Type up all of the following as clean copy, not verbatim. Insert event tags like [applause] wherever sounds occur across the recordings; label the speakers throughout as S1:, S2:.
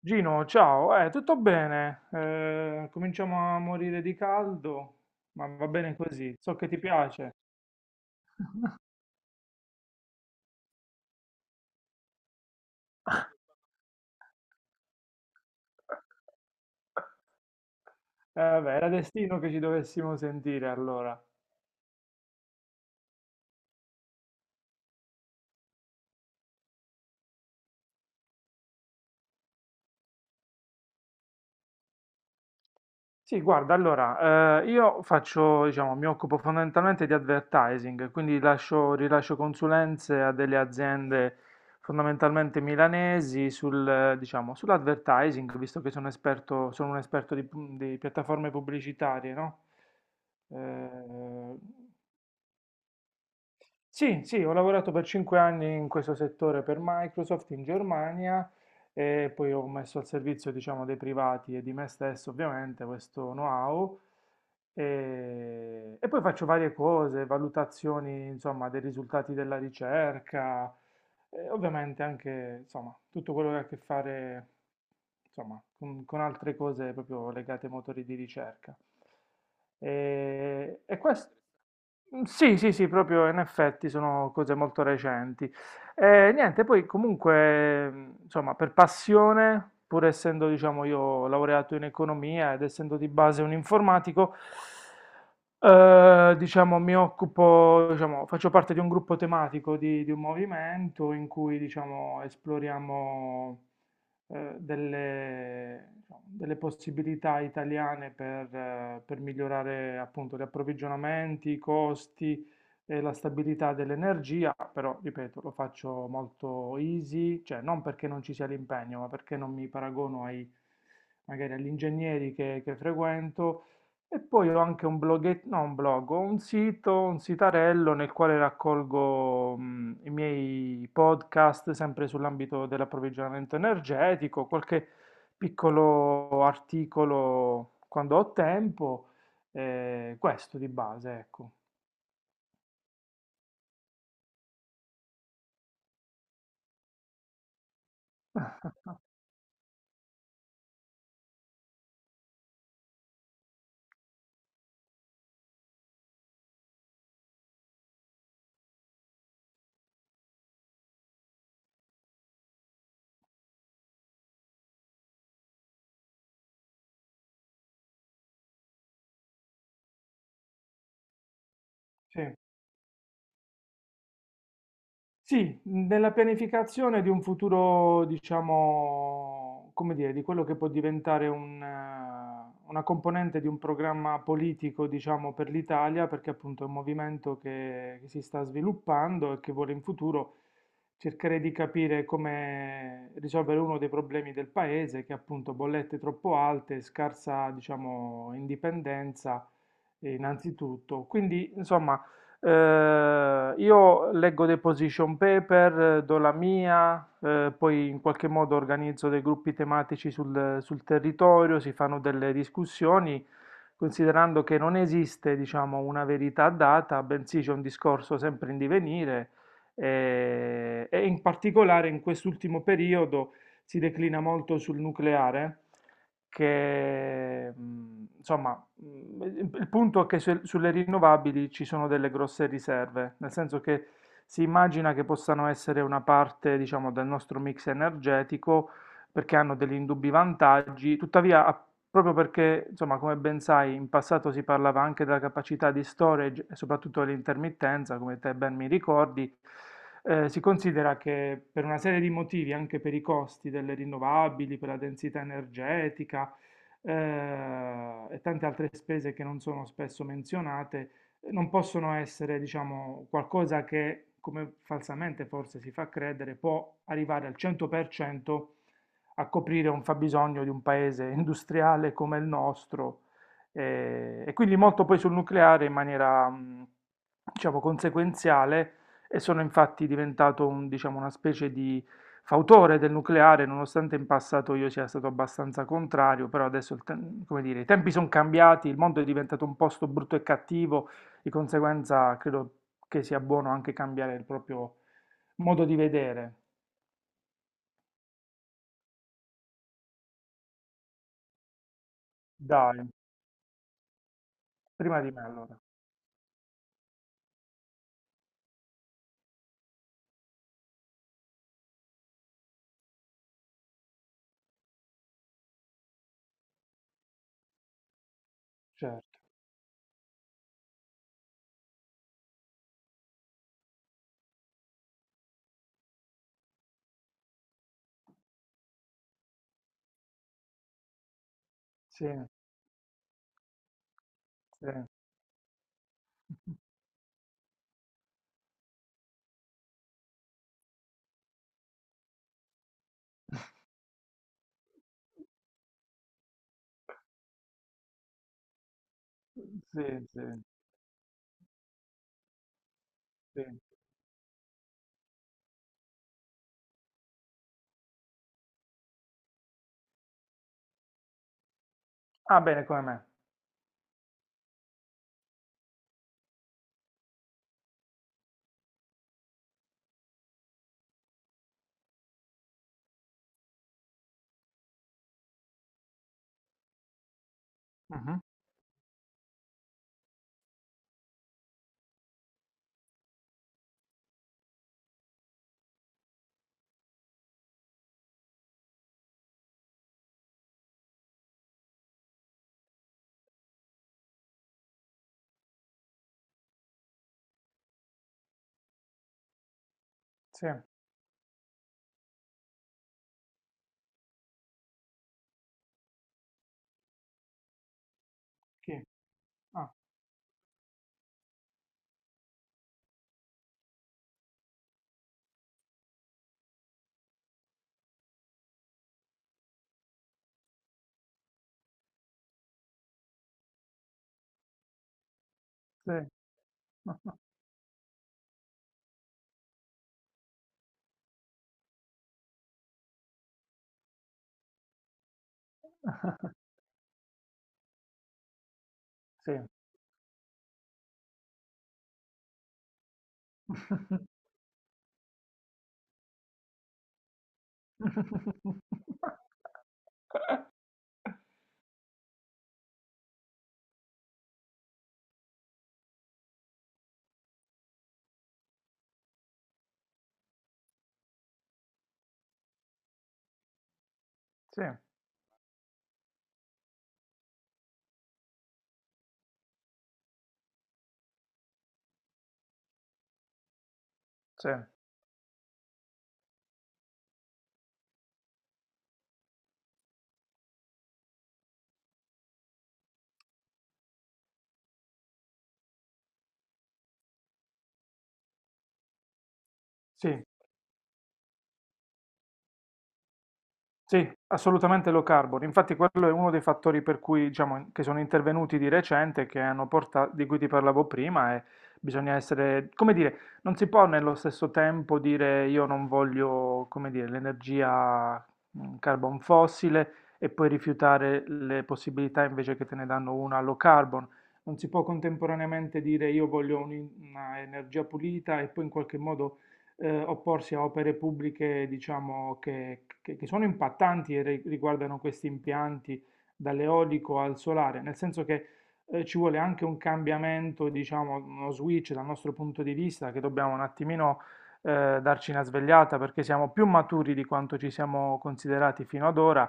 S1: Gino, ciao, tutto bene? Cominciamo a morire di caldo, ma va bene così, so che ti piace. Vabbè, era destino che ci dovessimo sentire allora. Sì, guarda, allora, io faccio, diciamo, mi occupo fondamentalmente di advertising, quindi rilascio consulenze a delle aziende fondamentalmente milanesi sul, diciamo, sull'advertising, visto che sono esperto, sono un esperto di piattaforme pubblicitarie, no? Eh, sì, sì, ho lavorato per 5 anni in questo settore per Microsoft in Germania e poi ho messo al servizio, diciamo, dei privati e di me stesso, ovviamente, questo know-how. E poi faccio varie cose, valutazioni, insomma, dei risultati della ricerca, e ovviamente anche, insomma, tutto quello che ha a che fare, insomma, con altre cose proprio legate ai motori di ricerca. E questo, sì, sì, sì, proprio in effetti sono cose molto recenti. E niente, poi comunque, insomma, per passione, pur essendo, diciamo, io laureato in economia ed essendo di base un informatico, diciamo, mi occupo, diciamo, faccio parte di un gruppo tematico di un movimento in cui, diciamo, esploriamo delle, diciamo, delle possibilità italiane per migliorare appunto gli approvvigionamenti, i costi, e la stabilità dell'energia, però ripeto, lo faccio molto easy, cioè non perché non ci sia l'impegno, ma perché non mi paragono ai, magari agli ingegneri che frequento. E poi ho anche un bloghetto, no, un blog, ho un sito, un sitarello nel quale raccolgo i miei podcast sempre sull'ambito dell'approvvigionamento energetico, qualche piccolo articolo quando ho tempo, questo di base, ecco. Sì. Sì, nella pianificazione di un futuro, diciamo, come dire, di quello che può diventare una componente di un programma politico, diciamo, per l'Italia, perché appunto è un movimento che si sta sviluppando e che vuole in futuro cercare di capire come risolvere uno dei problemi del paese, che è appunto bollette troppo alte, scarsa, diciamo, indipendenza, innanzitutto. Quindi, insomma. Io leggo dei position paper, do la mia, poi in qualche modo organizzo dei gruppi tematici sul territorio, si fanno delle discussioni, considerando che non esiste, diciamo, una verità data, bensì c'è un discorso sempre in divenire, e in particolare in quest'ultimo periodo si declina molto sul nucleare che insomma. Il punto è che sulle rinnovabili ci sono delle grosse riserve, nel senso che si immagina che possano essere una parte, diciamo, del nostro mix energetico perché hanno degli indubbi vantaggi, tuttavia proprio perché, insomma, come ben sai, in passato si parlava anche della capacità di storage e soprattutto dell'intermittenza, come te ben mi ricordi, si considera che per una serie di motivi, anche per i costi delle rinnovabili, per la densità energetica, e tante altre spese che non sono spesso menzionate, non possono essere, diciamo, qualcosa che, come falsamente forse si fa credere, può arrivare al 100% a coprire un fabbisogno di un paese [laughs] industriale come il nostro. E quindi molto poi sul nucleare in maniera, diciamo, conseguenziale e sono infatti diventato diciamo, una specie di fautore del nucleare, nonostante in passato io sia stato abbastanza contrario, però adesso, come dire, i tempi sono cambiati, il mondo è diventato un posto brutto e cattivo, di conseguenza credo che sia buono anche cambiare il proprio modo di vedere. Dai, prima di me allora, certo. Sì, sì, sì, sì, sì. Ah, bene, come me. Mhm. Sì, chi? Ah, sì, [laughs] sì. [laughs] Sì, sì, sì. Sì, assolutamente low carbon. Infatti quello è uno dei fattori per cui, diciamo, che sono intervenuti di recente, che hanno portato, di cui ti parlavo prima, e bisogna essere, come dire, non si può nello stesso tempo dire io non voglio, come dire, l'energia carbon fossile e poi rifiutare le possibilità invece che te ne danno una low carbon. Non si può contemporaneamente dire io voglio un'energia pulita e poi in qualche modo opporsi a opere pubbliche, diciamo, che sono impattanti e riguardano questi impianti dall'eolico al solare, nel senso che ci vuole anche un cambiamento, diciamo, uno switch dal nostro punto di vista, che dobbiamo un attimino darci una svegliata perché siamo più maturi di quanto ci siamo considerati fino ad ora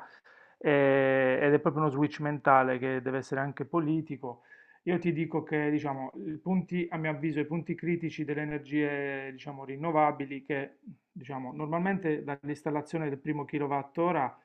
S1: ed è proprio uno switch mentale che deve essere anche politico. Io ti dico che, diciamo, i punti, a mio avviso, i punti critici delle energie, diciamo, rinnovabili, che, diciamo, normalmente dall'installazione del primo kilowattora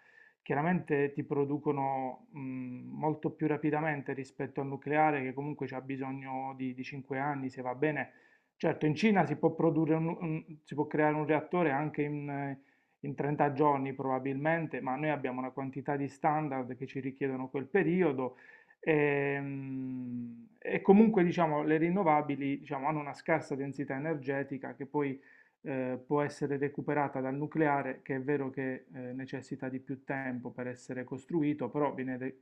S1: chiaramente ti producono, molto più rapidamente rispetto al nucleare, che comunque c'ha bisogno di 5 anni, se va bene. Certo, in Cina si può produrre si può creare un reattore anche in 30 giorni probabilmente, ma noi abbiamo una quantità di standard che ci richiedono quel periodo. E, comunque diciamo, le rinnovabili diciamo, hanno una scarsa densità energetica che poi può essere recuperata dal nucleare, che è vero che necessita di più tempo per essere costruito, però viene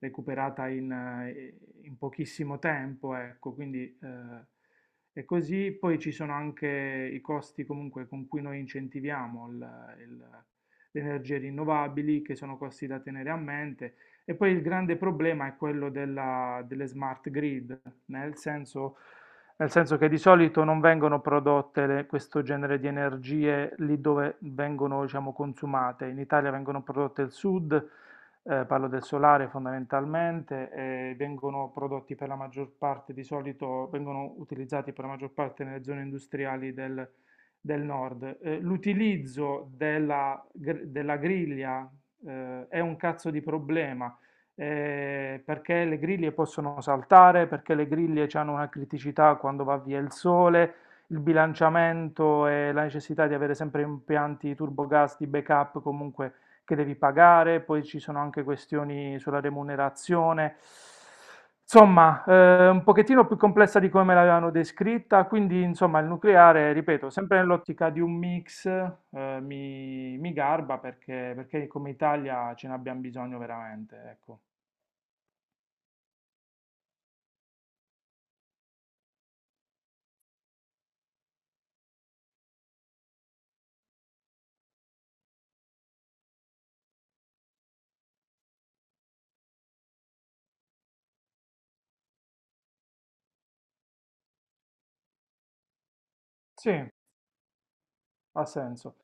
S1: recuperata in pochissimo tempo, ecco, quindi è così. Poi ci sono anche i costi comunque con cui noi incentiviamo le energie rinnovabili, che sono costi da tenere a mente. E poi il grande problema è quello delle smart grid, nel senso, nel senso che di solito non vengono prodotte questo genere di energie lì dove vengono, diciamo, consumate. In Italia vengono prodotte al sud, parlo del solare fondamentalmente, vengono prodotti per la maggior parte, di solito vengono utilizzati per la maggior parte nelle zone industriali del nord. L'utilizzo della griglia è un cazzo di problema. Perché le griglie possono saltare, perché le griglie hanno una criticità quando va via il sole, il bilanciamento e la necessità di avere sempre impianti turbogas di backup comunque che devi pagare, poi ci sono anche questioni sulla remunerazione. Insomma, un pochettino più complessa di come me l'avevano descritta, quindi insomma il nucleare, ripeto, sempre nell'ottica di un mix, mi garba perché come Italia ce ne abbiamo bisogno veramente, ecco. Sì, ha senso.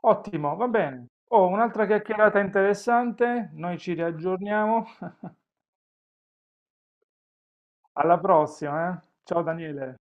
S1: Ottimo, va bene. Oh, un'altra chiacchierata interessante, noi ci riaggiorniamo. [laughs] Alla prossima, eh. Ciao Daniele.